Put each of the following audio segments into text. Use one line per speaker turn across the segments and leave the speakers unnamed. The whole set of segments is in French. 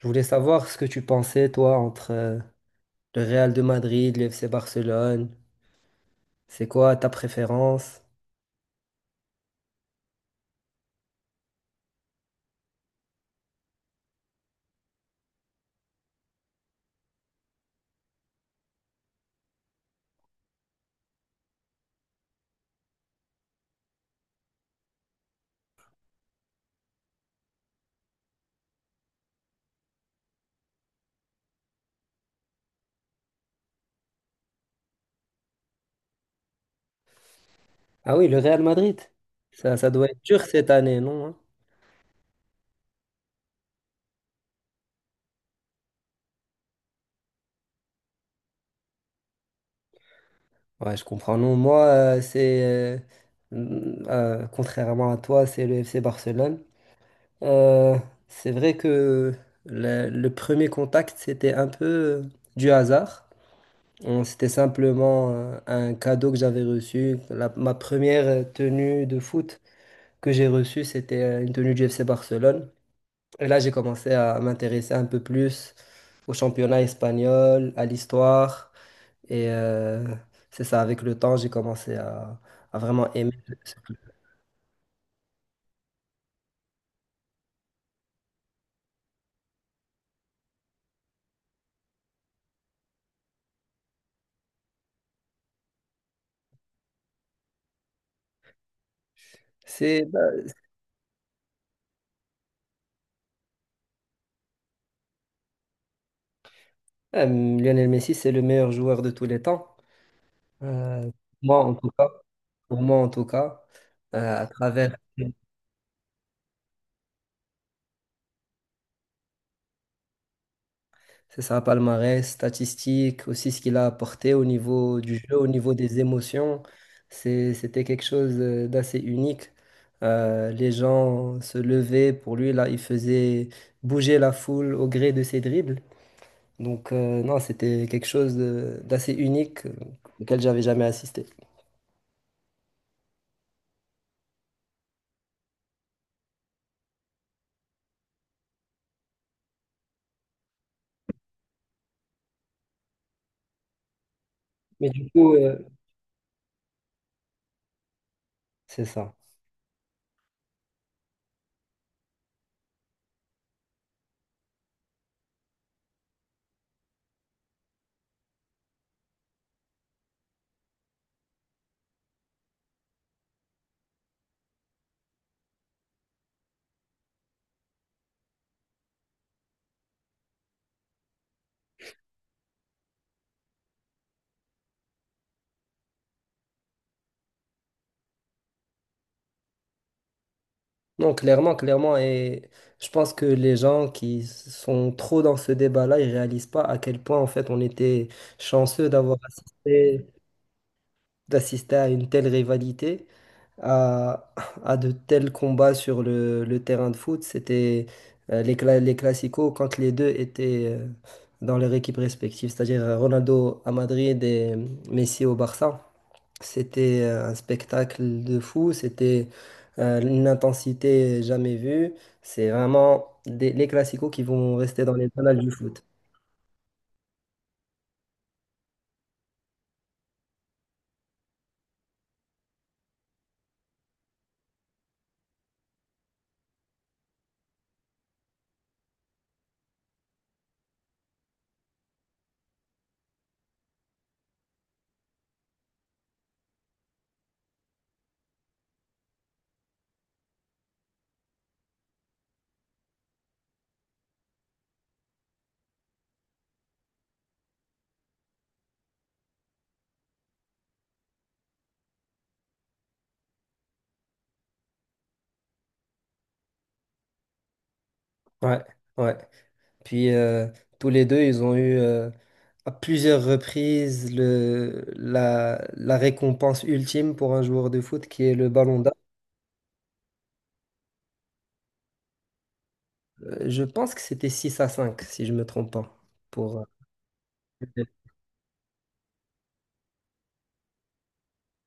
Je voulais savoir ce que tu pensais, toi, entre le Real de Madrid, le FC Barcelone. C'est quoi ta préférence? Ah oui, le Real Madrid. Ça doit être dur cette année, non? Hein. Ouais, je comprends. Non, moi, c'est, contrairement à toi, c'est le FC Barcelone. Euh, c'est vrai que le premier contact, c'était un peu du hasard. C'était simplement un cadeau que j'avais reçu, ma première tenue de foot, que j'ai reçue, c'était une tenue du FC Barcelone. Et là, j'ai commencé à m'intéresser un peu plus au championnat espagnol, à l'histoire. Et c'est ça, avec le temps, j'ai commencé à vraiment aimer. Bah, Lionel Messi, c'est le meilleur joueur de tous les temps. Euh, Moi, en tout cas. Pour moi, en tout cas, à travers. C'est ça, palmarès, statistique, aussi ce qu'il a apporté au niveau du jeu, au niveau des émotions. C'était quelque chose d'assez unique. Les gens se levaient pour lui, là, il faisait bouger la foule au gré de ses dribbles. Donc, non, c'était quelque chose d'assez unique auquel j'avais jamais assisté. Mais du coup, c'est ça. Non, clairement, clairement. Et je pense que les gens qui sont trop dans ce débat-là, ils réalisent pas à quel point, en fait, on était chanceux d'avoir assisté, d'assister à une telle rivalité à, à de tels combats sur le terrain de foot. C'était les classicos quand les deux étaient dans leur équipe respective, c'est-à-dire Ronaldo à Madrid et Messi au Barça. C'était un spectacle de fou, c'était une intensité jamais vue. C'est vraiment les classicos qui vont rester dans les annales du foot. Ouais, ouais. Puis tous les deux, ils ont eu à plusieurs reprises la récompense ultime pour un joueur de foot qui est le ballon d'or. Je pense que c'était 6-5, si je ne me trompe pas. Pour, euh,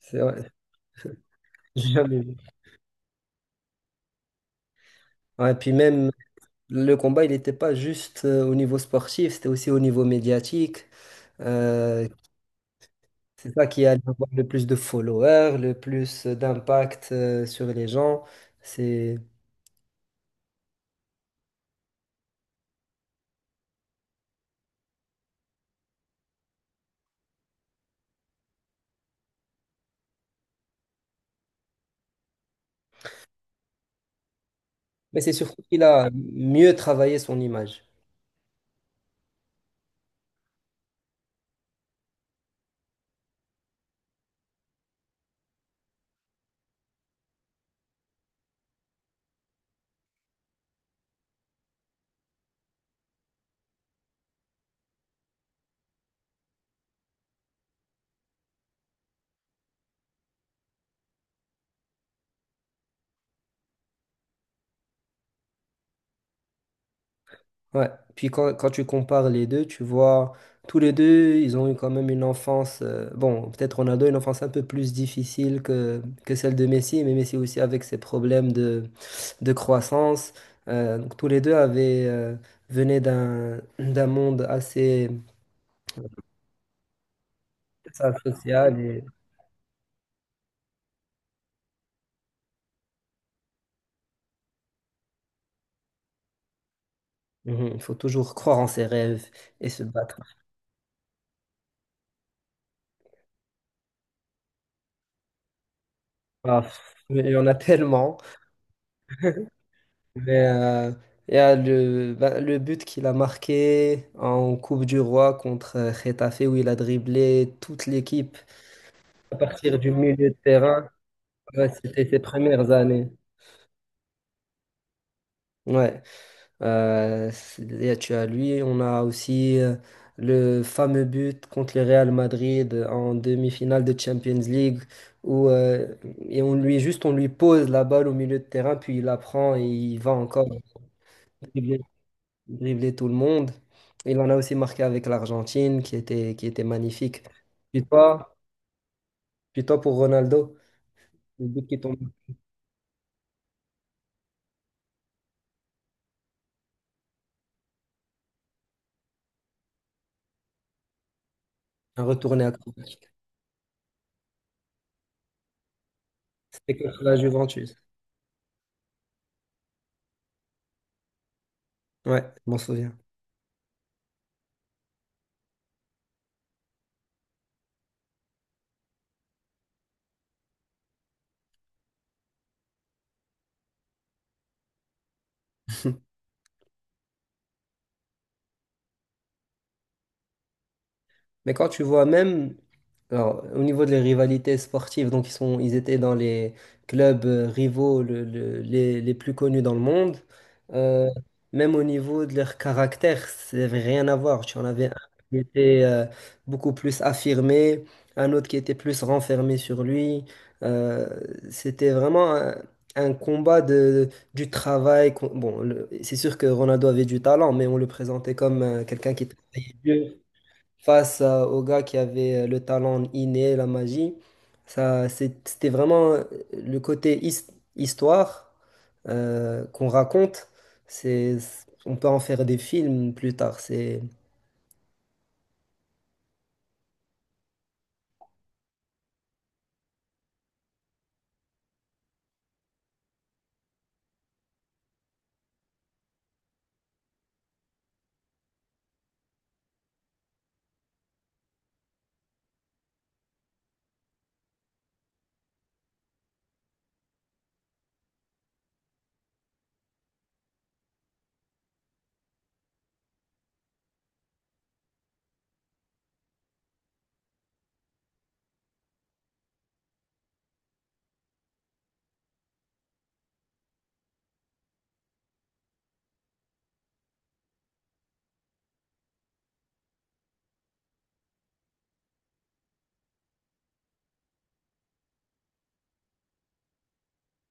c'est vrai, j'ai jamais vu. Ouais, puis même le combat, il n'était pas juste au niveau sportif, c'était aussi au niveau médiatique. Euh, c'est ça qui allait avoir le plus de followers, le plus d'impact sur les gens. C'est Mais c'est surtout qu'il a mieux travaillé son image. Ouais. Puis quand tu compares les deux, tu vois, tous les deux, ils ont eu quand même une enfance, bon, peut-être Ronaldo, une enfance un peu plus difficile que celle de Messi, mais Messi aussi avec ses problèmes de croissance. Donc tous les deux venaient d'un monde assez, assez social et. Mhm, il faut toujours croire en ses rêves et se battre. Ah, mais il y en a tellement. Mais il y a ben, le but qu'il a marqué en Coupe du Roi contre Getafe où il a dribblé toute l'équipe à partir du milieu de terrain. Ouais, c'était ses premières années. Ouais. C'est- il y a- tu as lui, On a aussi le fameux but contre le Real Madrid en demi-finale de Champions League où on lui pose la balle au milieu de terrain puis il la prend et il va encore dribbler tout le monde. Il en a aussi marqué avec l'Argentine, qui était magnifique. Puis toi, puis toi, pour Ronaldo, le but qui tombe, un retourné acrobatique. C'était contre la Juventus. Ouais, je m'en souviens. Mais quand tu vois même, alors, au niveau des rivalités sportives, donc ils sont, ils étaient dans les clubs rivaux les plus connus dans le monde. Euh, Même au niveau de leur caractère, ça n'avait rien à voir. Tu en avais un qui était beaucoup plus affirmé, un autre qui était plus renfermé sur lui. Euh, C'était vraiment un combat de, du travail. Bon, c'est sûr que Ronaldo avait du talent, mais on le présentait comme quelqu'un qui travaillait dur au gars qui avait le talent inné, la magie. Ça, c'était vraiment le côté histoire qu'on raconte. C'est, on peut en faire des films plus tard.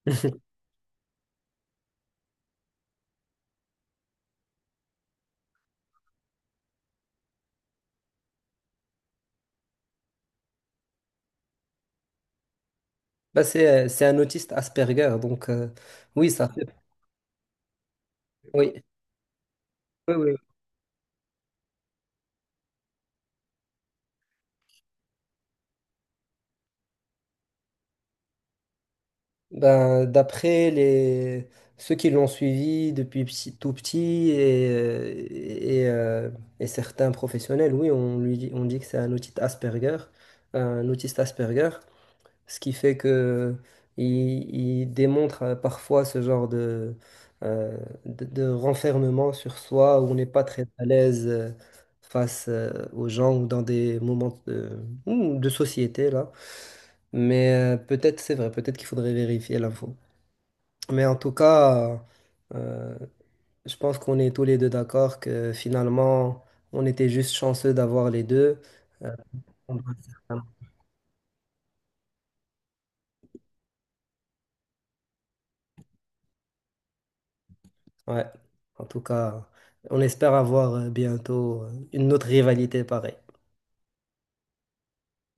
Bah, c'est un autiste Asperger, donc oui, ça fait. Oui, oui, oui. Ben, d'après les ceux qui l'ont suivi depuis tout petit et certains professionnels, oui, on lui dit, on dit que c'est un autiste Asperger, un autiste Asperger. Ce qui fait que il, il démontre parfois ce genre euh, de renfermement sur soi où on n'est pas très à l'aise face aux gens ou dans des moments de, ou de société là. Mais peut-être c'est vrai, peut-être qu'il faudrait vérifier l'info. Mais en tout cas, euh, je pense qu'on est tous les deux d'accord que finalement, on était juste chanceux d'avoir les deux. Euh, Ouais. En tout cas, on espère avoir bientôt une autre rivalité pareille.